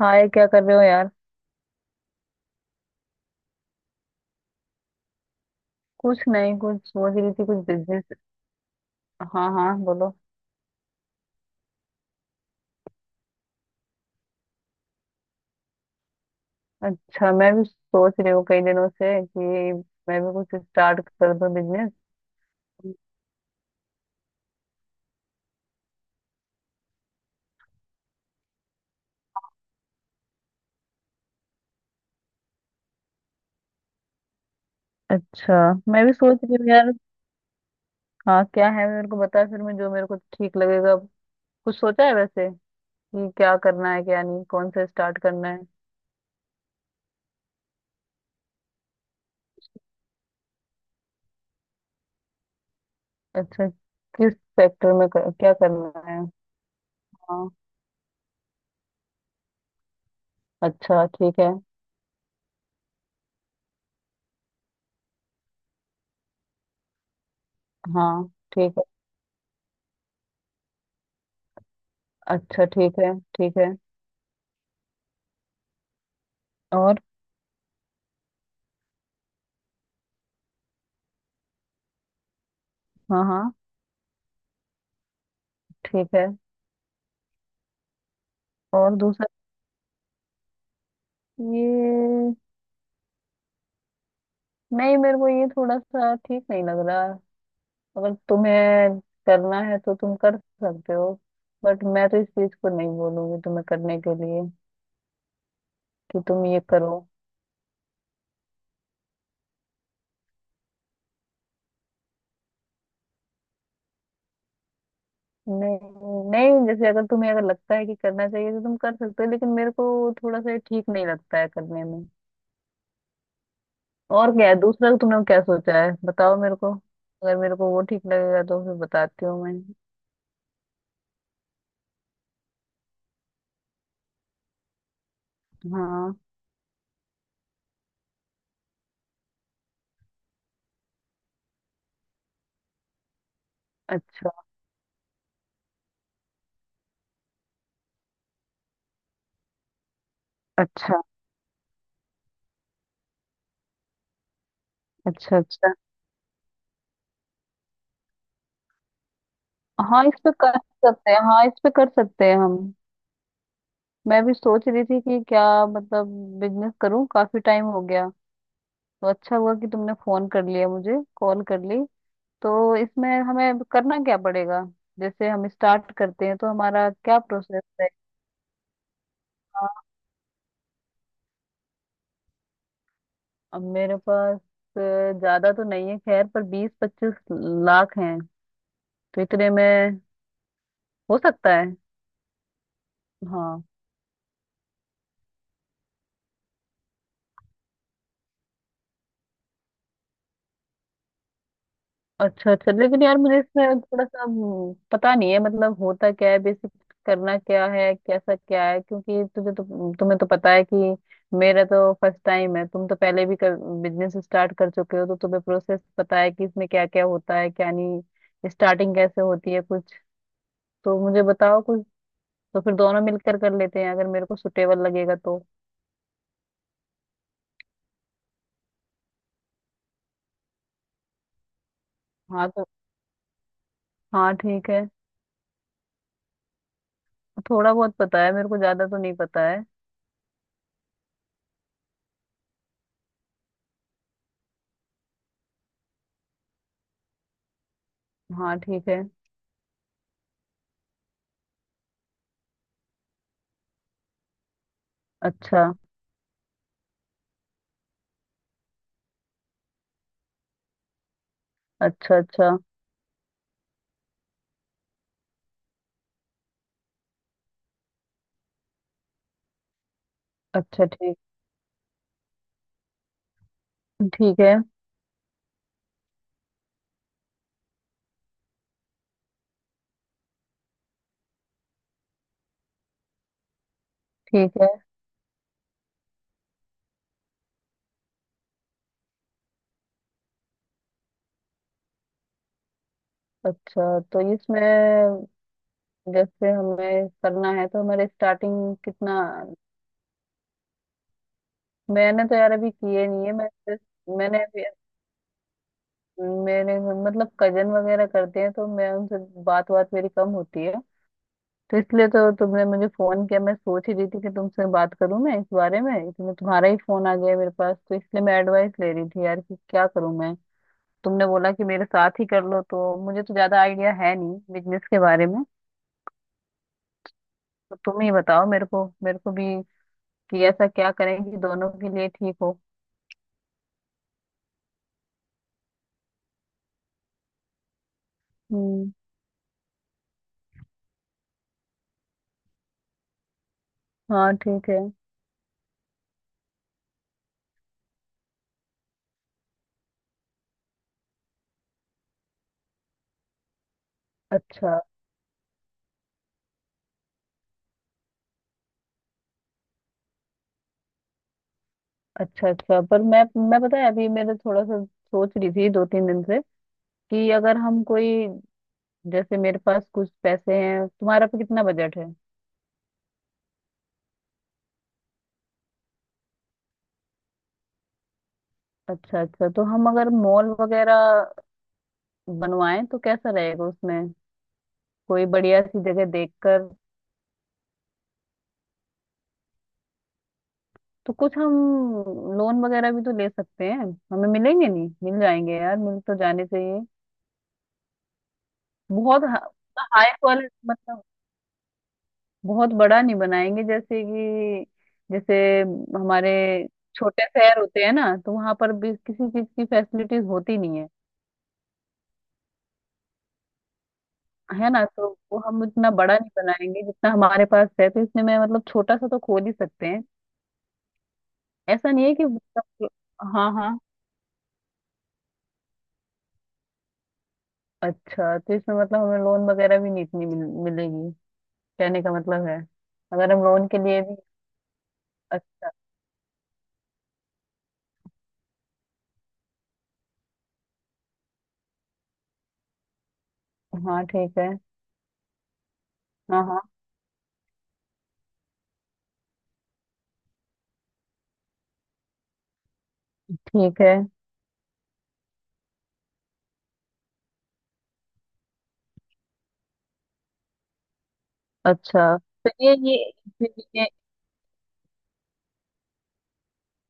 हाय, क्या कर रहे हो यार। कुछ नहीं, कुछ सोच रही थी, कुछ बिजनेस। हाँ हाँ, बोलो। अच्छा, मैं भी सोच रही हूँ कई दिनों से कि मैं भी कुछ स्टार्ट कर दूँ बिजनेस। अच्छा, मैं भी सोच रही हूँ यार। हाँ, क्या है, मेरे को बता, फिर मैं जो मेरे को ठीक लगेगा। कुछ सोचा है वैसे कि क्या करना है, क्या नहीं, कौन से स्टार्ट करना है। अच्छा। किस सेक्टर में क्या करना है। हाँ। अच्छा ठीक है। हाँ ठीक है। अच्छा ठीक है, ठीक है। और। हाँ हाँ। ठीक है। और दूसरा ये। नहीं, मेरे को ये थोड़ा सा ठीक नहीं लग रहा। अगर तुम्हें करना है तो तुम कर सकते हो, बट मैं तो इस चीज को नहीं बोलूंगी तुम्हें करने के लिए कि तुम ये करो। नहीं नहीं, जैसे अगर तुम्हें, अगर लगता है कि करना चाहिए तो तुम कर सकते हो, लेकिन मेरे को थोड़ा सा ये ठीक नहीं लगता है करने में। और क्या है दूसरा, तुमने क्या सोचा है, बताओ मेरे को। अगर मेरे को वो ठीक लगेगा तो फिर बताती हूँ मैं। हाँ। अच्छा अच्छा। अच्छा अच्छा। हाँ इस पे कर सकते हैं, हाँ इस पे कर सकते हैं हम। मैं भी सोच रही थी कि क्या, मतलब बिजनेस करूं, काफी टाइम हो गया। तो अच्छा हुआ कि तुमने फोन कर लिया मुझे, कॉल कर ली। तो इसमें हमें करना क्या पड़ेगा, जैसे हम स्टार्ट करते हैं तो हमारा क्या प्रोसेस रहेगा। अब मेरे पास ज्यादा तो नहीं है खैर, पर 20-25 लाख हैं, तो इतने में हो सकता है। हाँ। अच्छा अच्छा, लेकिन यार मुझे इसमें थोड़ा सा पता नहीं है, मतलब होता क्या है बेसिक, करना क्या है, कैसा क्या है, क्योंकि तुझे तो, तुम्हें तो पता है कि मेरा तो फर्स्ट टाइम है। तुम तो पहले भी बिजनेस स्टार्ट कर चुके हो, तो तुम्हें प्रोसेस पता है कि इसमें क्या क्या होता है, क्या नहीं, स्टार्टिंग कैसे होती है कुछ। तो मुझे बताओ कुछ, तो फिर दोनों मिलकर कर लेते हैं, अगर मेरे को सुटेबल लगेगा तो। हाँ तो हाँ ठीक है। थोड़ा बहुत पता है मेरे को, ज्यादा तो नहीं पता है। हाँ ठीक है। अच्छा अच्छा। अच्छा अच्छा। ठीक ठीक है। ठीक है। अच्छा तो इसमें जैसे हमें करना है, तो हमारे स्टार्टिंग कितना। मैंने तो यार अभी किए नहीं है, मैं मैंने अभी, मेरे मतलब कजन वगैरह करते हैं, तो मैं उनसे बात बात मेरी कम होती है। तो इसलिए तो तुमने मुझे फोन किया, मैं सोच ही रही थी कि तुमसे बात करूं मैं इस बारे में, इसमें तुम्हारा ही फोन आ गया मेरे पास। तो इसलिए मैं एडवाइस ले रही थी यार, कि क्या करूं मैं। तुमने बोला कि मेरे साथ ही कर लो, तो मुझे तो ज्यादा आइडिया है नहीं बिजनेस के बारे में। तो तुम ही बताओ मेरे को, मेरे को भी, कि ऐसा क्या करें कि दोनों के लिए ठीक हो। हम्म। हाँ ठीक है। अच्छा अच्छा अच्छा पर मैं, पता है अभी मेरे थोड़ा सा सोच रही थी 2-3 दिन से कि अगर हम कोई, जैसे मेरे पास कुछ पैसे हैं, तुम्हारा पे कितना बजट है। अच्छा अच्छा, तो हम अगर मॉल वगैरह बनवाएं तो कैसा रहेगा उसमें, कोई बढ़िया सी जगह देखकर। तो कुछ हम लोन वगैरह भी तो ले सकते हैं, हमें मिलेंगे, नहीं मिल जाएंगे यार, मिल तो जाने चाहिए। बहुत हाई क्वालिटी मतलब, बहुत बड़ा नहीं बनाएंगे, जैसे कि, जैसे हमारे छोटे शहर होते हैं ना, तो वहां पर भी किसी चीज की फैसिलिटीज होती नहीं है, है ना, तो वो हम इतना बड़ा नहीं बनाएंगे, जितना हमारे पास है तो इसमें मैं मतलब छोटा सा तो खोल ही सकते हैं। ऐसा नहीं है कि मतलब। हाँ हाँ। अच्छा तो इसमें मतलब हमें लोन वगैरह भी नहीं इतनी मिलेगी, कहने का मतलब है, अगर हम लोन के लिए भी। अच्छा। हाँ ठीक है। हाँ हाँ ठीक है। अच्छा तो ये, फिर ये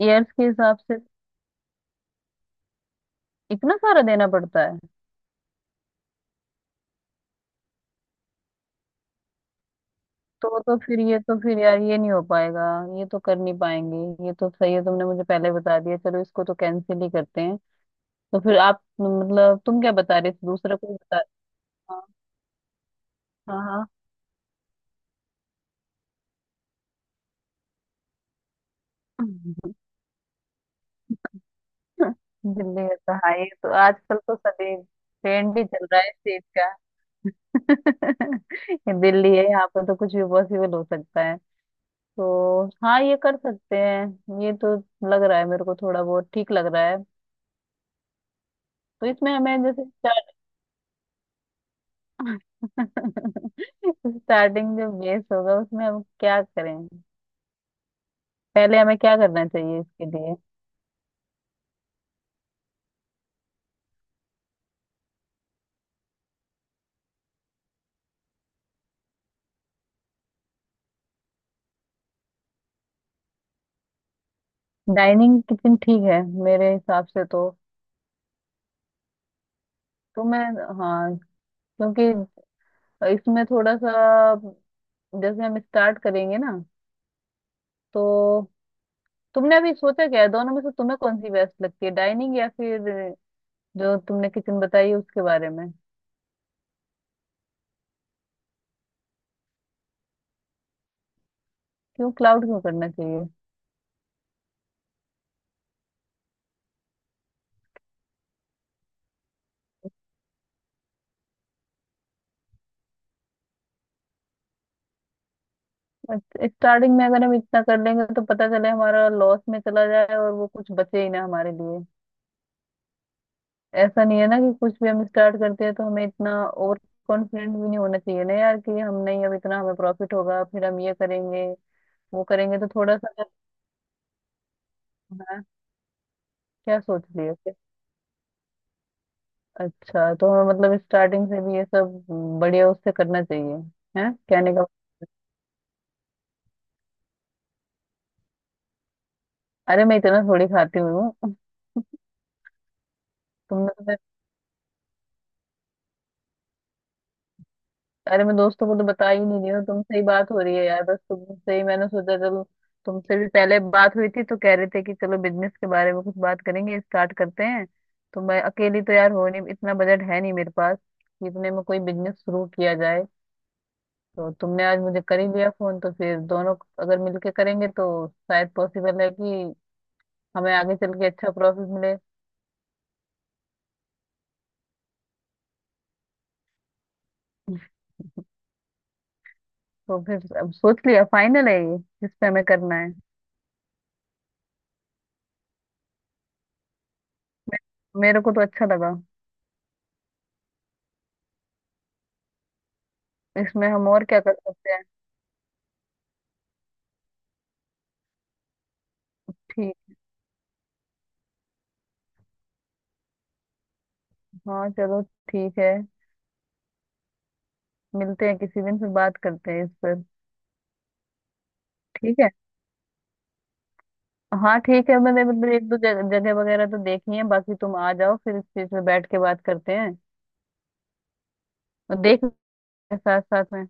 ईयर्स के हिसाब से इतना सारा देना पड़ता है। तो फिर ये, तो फिर यार ये नहीं हो पाएगा, ये तो कर नहीं पाएंगे। ये तो सही है तुमने मुझे पहले बता दिया, चलो इसको तो कैंसिल ही करते हैं। तो फिर आप मतलब तुम क्या बता रहे थे, दूसरा कोई बता। हाँ। हाँ। हाँ। दिल्ली का तो हाँ, ये तो आजकल तो सभी ट्रेंड भी चल रहा है इस चीज का। ये दिल्ली है, यहाँ पर तो कुछ भी पॉसिबल हो सकता है। तो हाँ ये कर सकते हैं ये तो, लग रहा है मेरे को थोड़ा बहुत ठीक लग रहा है। तो इसमें हमें जैसे स्टार्ट, स्टार्टिंग जो बेस होगा उसमें हम क्या करें, पहले हमें क्या करना चाहिए इसके लिए। डाइनिंग किचन ठीक है मेरे हिसाब से तो। तो मैं। हाँ। क्योंकि इसमें थोड़ा सा, जैसे हम स्टार्ट करेंगे ना तो, तुमने अभी सोचा क्या है दोनों में से तुम्हें कौन सी बेस्ट लगती है, डाइनिंग या फिर जो तुमने किचन बताई उसके बारे में। क्यों क्लाउड क्यों करना चाहिए। स्टार्टिंग में अगर हम इतना कर लेंगे तो पता चले हमारा लॉस में चला जाए और वो कुछ बचे ही ना हमारे लिए। ऐसा नहीं है ना कि कुछ भी हम स्टार्ट करते हैं तो हमें इतना ओवर कॉन्फिडेंट भी नहीं होना चाहिए ना यार, कि हम नहीं, अब इतना हमें प्रॉफिट होगा फिर हम ये करेंगे, वो करेंगे। तो थोड़ा सा अगर- हाँ। क्या सोच लिया फिर? अच्छा तो हमें मतलब स्टार्टिंग से भी ये सब बढ़िया उससे करना चाहिए। है कहने का मतलब, अरे मैं इतना थोड़ी खाती हुई हूँ। तुमने तो, अरे मैं दोस्तों को तो बता ही नहीं रही हूँ, तुमसे ही बात हो रही है यार, बस तुमसे ही मैंने सोचा चलो, तुमसे भी पहले बात हुई थी तो कह रहे थे कि चलो बिजनेस के बारे में कुछ बात करेंगे, स्टार्ट करते हैं। तो मैं अकेली तो यार हो नहीं, इतना बजट है नहीं मेरे पास कि इतने में कोई बिजनेस शुरू किया जाए। तो तुमने आज मुझे कर ही लिया फोन तो फिर दोनों अगर मिलके करेंगे तो शायद पॉसिबल है कि हमें आगे चल के अच्छा प्रॉफिट मिले। तो फिर अब सोच लिया, फाइनल है ये जिस पे हमें करना है। मेरे को तो अच्छा लगा। इसमें हम और क्या कर सकते हैं। हाँ चलो ठीक है, मिलते हैं किसी दिन फिर बात करते हैं इस पर। ठीक है, हाँ ठीक है, मैंने मतलब एक दो जगह वगैरह तो देखी है, बाकी तुम आ जाओ फिर इस चीज पे बैठ के बात करते हैं, और देख लेंगे साथ साथ में।